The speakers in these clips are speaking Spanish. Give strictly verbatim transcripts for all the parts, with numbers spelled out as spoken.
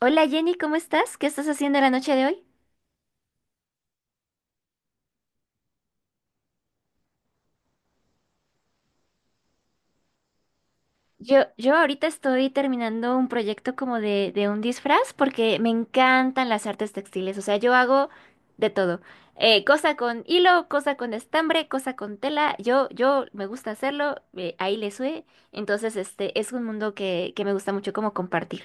Hola Jenny, ¿cómo estás? ¿Qué estás haciendo la noche de hoy? Yo, yo ahorita estoy terminando un proyecto como de, de un disfraz porque me encantan las artes textiles, o sea, yo hago de todo. Eh, cosa con hilo, cosa con estambre, cosa con tela, yo, yo me gusta hacerlo, eh, ahí le sube, entonces este es un mundo que, que me gusta mucho como compartir.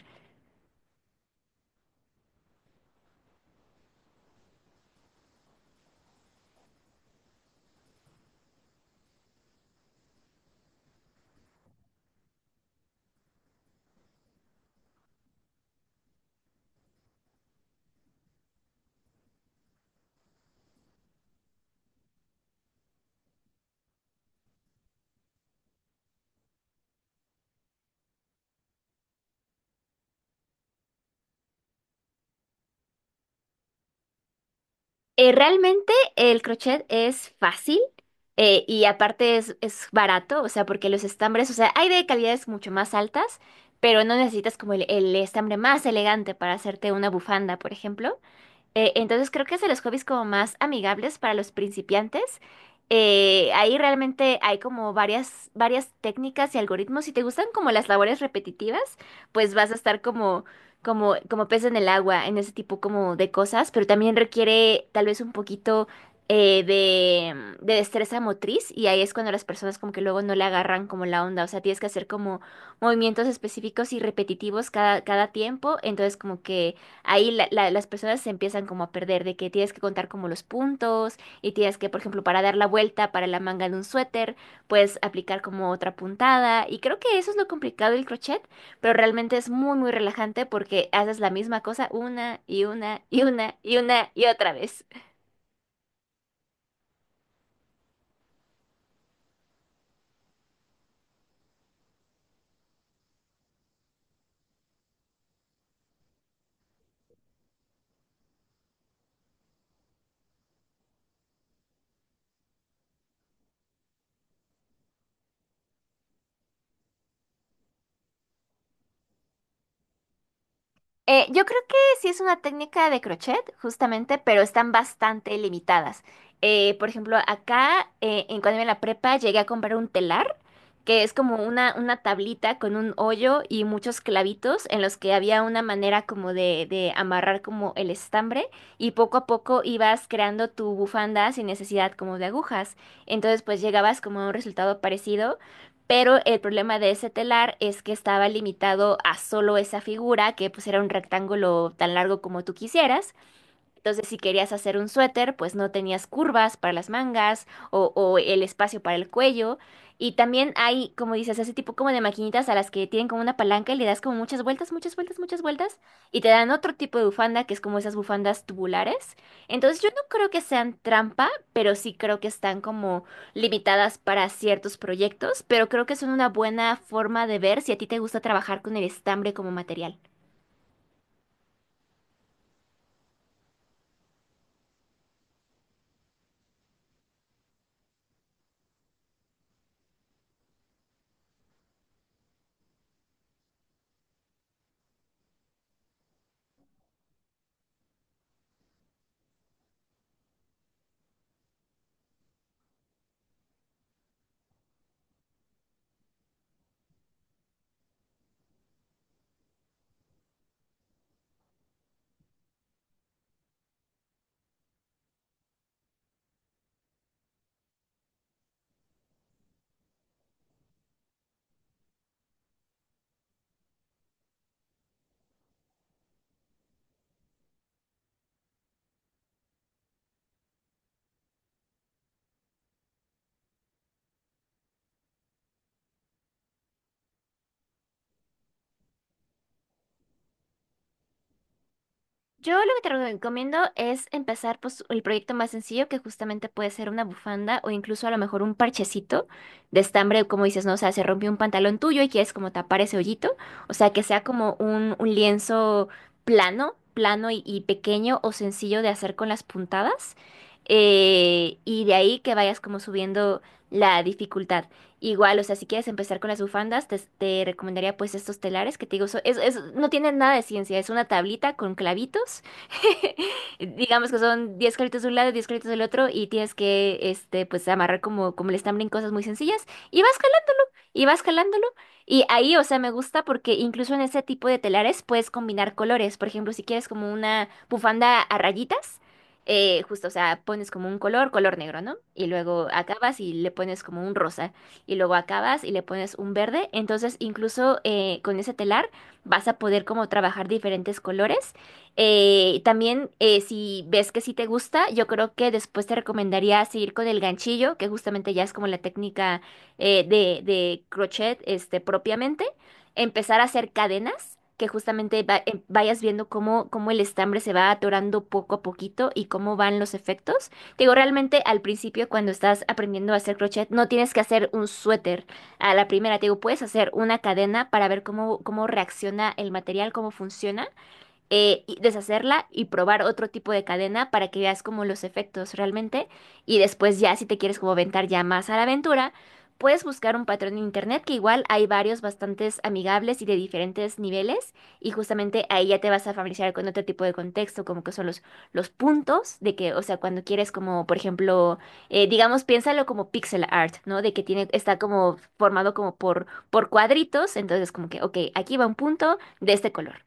Eh, realmente el crochet es fácil eh, y aparte es, es barato, o sea, porque los estambres, o sea, hay de calidades mucho más altas, pero no necesitas como el, el estambre más elegante para hacerte una bufanda, por ejemplo. Eh, entonces creo que es de los hobbies como más amigables para los principiantes. Eh, ahí realmente hay como varias, varias técnicas y algoritmos. Si te gustan como las labores repetitivas, pues vas a estar como, como, como pez en el agua en ese tipo como de cosas, pero también requiere tal vez un poquito eh, de, de destreza motriz y ahí es cuando las personas como que luego no le agarran como la onda. O sea, tienes que hacer como movimientos específicos y repetitivos cada, cada tiempo. Entonces como que ahí la- la- las personas se empiezan como a perder, de que tienes que contar como los puntos y tienes que, por ejemplo, para dar la vuelta para la manga de un suéter, puedes aplicar como otra puntada y creo que eso es lo complicado del crochet, pero realmente es muy, muy relajante porque haces la misma cosa una y una y una y una y otra vez. Eh, yo creo que sí es una técnica de crochet, justamente, pero están bastante limitadas. Eh, por ejemplo, acá, eh, en cuando iba en la prepa, llegué a comprar un telar, que es como una, una tablita con un hoyo y muchos clavitos en los que había una manera como de, de amarrar como el estambre y poco a poco ibas creando tu bufanda sin necesidad como de agujas. Entonces, pues llegabas como a un resultado parecido, pero el problema de ese telar es que estaba limitado a solo esa figura, que pues era un rectángulo tan largo como tú quisieras. Entonces, si querías hacer un suéter, pues no tenías curvas para las mangas o, o el espacio para el cuello. Y también hay, como dices, ese tipo como de maquinitas a las que tienen como una palanca y le das como muchas vueltas, muchas vueltas, muchas vueltas. Y te dan otro tipo de bufanda que es como esas bufandas tubulares. Entonces, yo no creo que sean trampa, pero sí creo que están como limitadas para ciertos proyectos. Pero creo que son una buena forma de ver si a ti te gusta trabajar con el estambre como material. Yo lo que te recomiendo es empezar pues, el proyecto más sencillo, que justamente puede ser una bufanda o incluso a lo mejor un parchecito de estambre, como dices, ¿no? O sea, se rompió un pantalón tuyo y quieres como tapar ese hoyito. O sea, que sea como un, un lienzo plano, plano y, y pequeño o sencillo de hacer con las puntadas. Eh, y de ahí que vayas como subiendo la dificultad. Igual, o sea, si quieres empezar con las bufandas, te, te recomendaría pues estos telares que te digo, so- es, es- no tienen nada de ciencia, es una tablita con clavitos. Digamos que son diez clavitos de un lado, diez clavitos del otro y tienes que, este, pues amarrar como, como el estambre en cosas muy sencillas y vas y vas jalándolo. Y ahí, o sea, me gusta porque incluso en ese tipo de telares puedes combinar colores. Por ejemplo, si quieres como una bufanda a rayitas, eh, justo, o sea, pones como un color, color negro, ¿no? Y luego acabas y le pones como un rosa. Y luego acabas y le pones un verde. Entonces, incluso eh, con ese telar vas a poder como trabajar diferentes colores. Eh, también, eh, si ves que sí te gusta, yo creo que después te recomendaría seguir con el ganchillo, que justamente ya es como la técnica eh, de, de crochet este, propiamente, empezar a hacer cadenas, que justamente va- eh, vayas viendo cómo, cómo el estambre se va atorando poco a poquito y cómo van los efectos. Te digo, realmente al principio cuando estás aprendiendo a hacer crochet, no tienes que hacer un suéter a la primera, te digo, puedes hacer una cadena para ver cómo, cómo reacciona el material, cómo funciona eh, y deshacerla y probar otro tipo de cadena para que veas como los efectos realmente. Y después ya si te quieres como aventar ya más a la aventura, puedes buscar un patrón en internet que igual hay varios bastantes amigables y de diferentes niveles. Y justamente ahí ya te vas a familiarizar con otro tipo de contexto, como que son los, los puntos de que, o sea, cuando quieres como, por ejemplo, eh, digamos, piénsalo como pixel art, ¿no? De que tiene, está como formado como por, por cuadritos. Entonces como que, ok, aquí va un punto de este color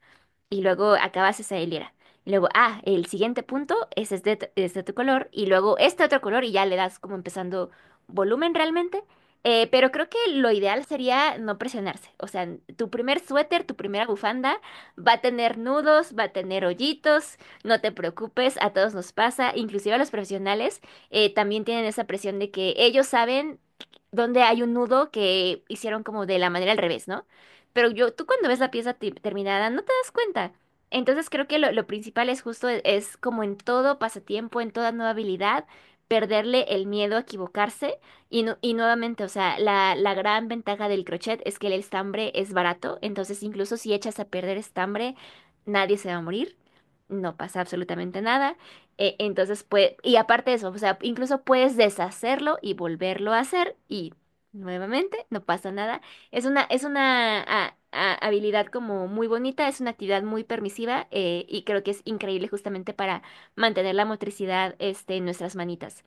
y luego acabas esa hilera. Y luego, ah, el siguiente punto es este, t- este otro color y luego este otro color y ya le das como empezando volumen realmente. Eh, pero creo que lo ideal sería no presionarse. O sea, tu primer suéter, tu primera bufanda va a tener nudos, va a tener hoyitos, no te preocupes, a todos nos pasa, inclusive a los profesionales eh, también tienen esa presión de que ellos saben dónde hay un nudo que hicieron como de la manera al revés, ¿no? Pero yo, tú cuando ves la pieza ti- terminada no te das cuenta. Entonces creo que lo, lo principal es justo, e- es, como en todo pasatiempo, en toda nueva habilidad, perderle el miedo a equivocarse. Y, nu- y nuevamente, o sea, la, la gran ventaja del crochet es que el estambre es barato, entonces incluso si echas a perder estambre, nadie se va a morir, no pasa absolutamente nada. Eh, entonces, pues, y aparte de eso, o sea, incluso puedes deshacerlo y volverlo a hacer y nuevamente no pasa nada. Es una, es una ah, ah, habilidad como muy bonita, es una actividad muy permisiva eh, y creo que es increíble justamente para mantener la motricidad este, en nuestras manitas.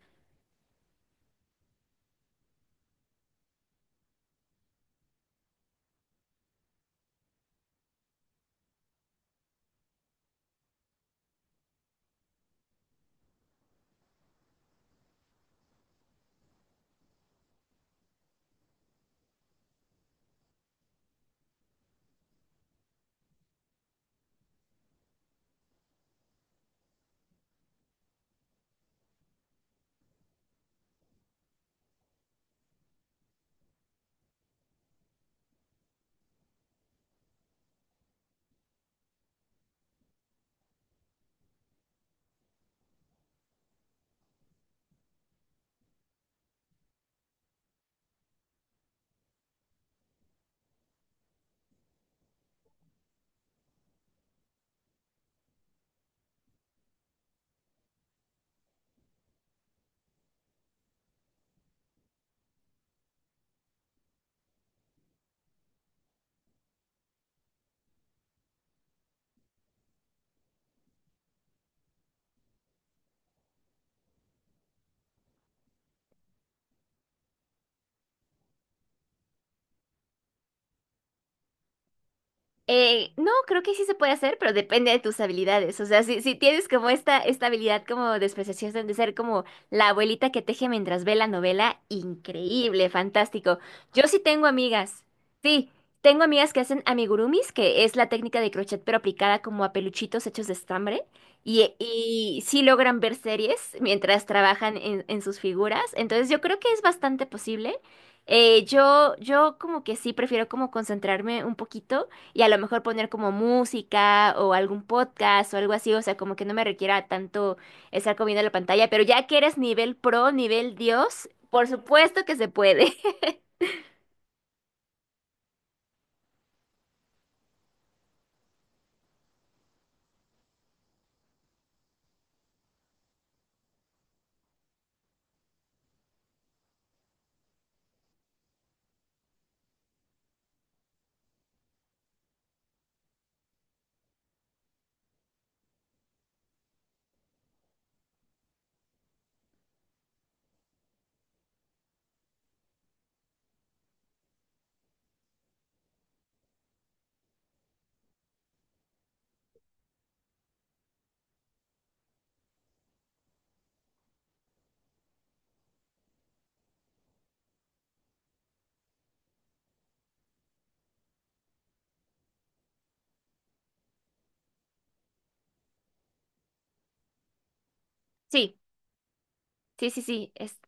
Eh, no, creo que sí se puede hacer, pero depende de tus habilidades. O sea, si, si tienes como esta, esta habilidad como de especialización de ser como la abuelita que teje mientras ve la novela, increíble, fantástico. Yo sí tengo amigas. Sí, tengo amigas que hacen amigurumis, que es la técnica de crochet pero aplicada como a peluchitos hechos de estambre. Y, y sí logran ver series mientras trabajan en, en sus figuras. Entonces yo creo que es bastante posible. Eh, yo, yo como que sí prefiero como concentrarme un poquito y a lo mejor poner como música o algún podcast o algo así, o sea, como que no me requiera tanto estar comiendo la pantalla, pero ya que eres nivel pro, nivel Dios, por supuesto que se puede. Sí, sí, sí, sí, es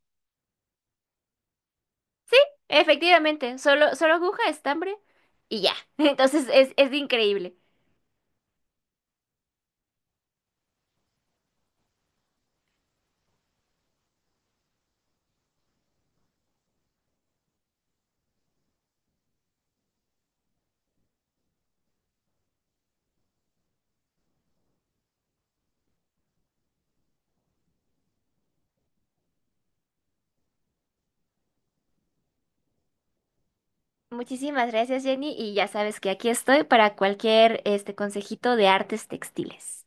efectivamente, solo solo aguja, estambre y ya. Entonces es es increíble. Muchísimas gracias, Jenny, y ya sabes que aquí estoy para cualquier este consejito de artes textiles.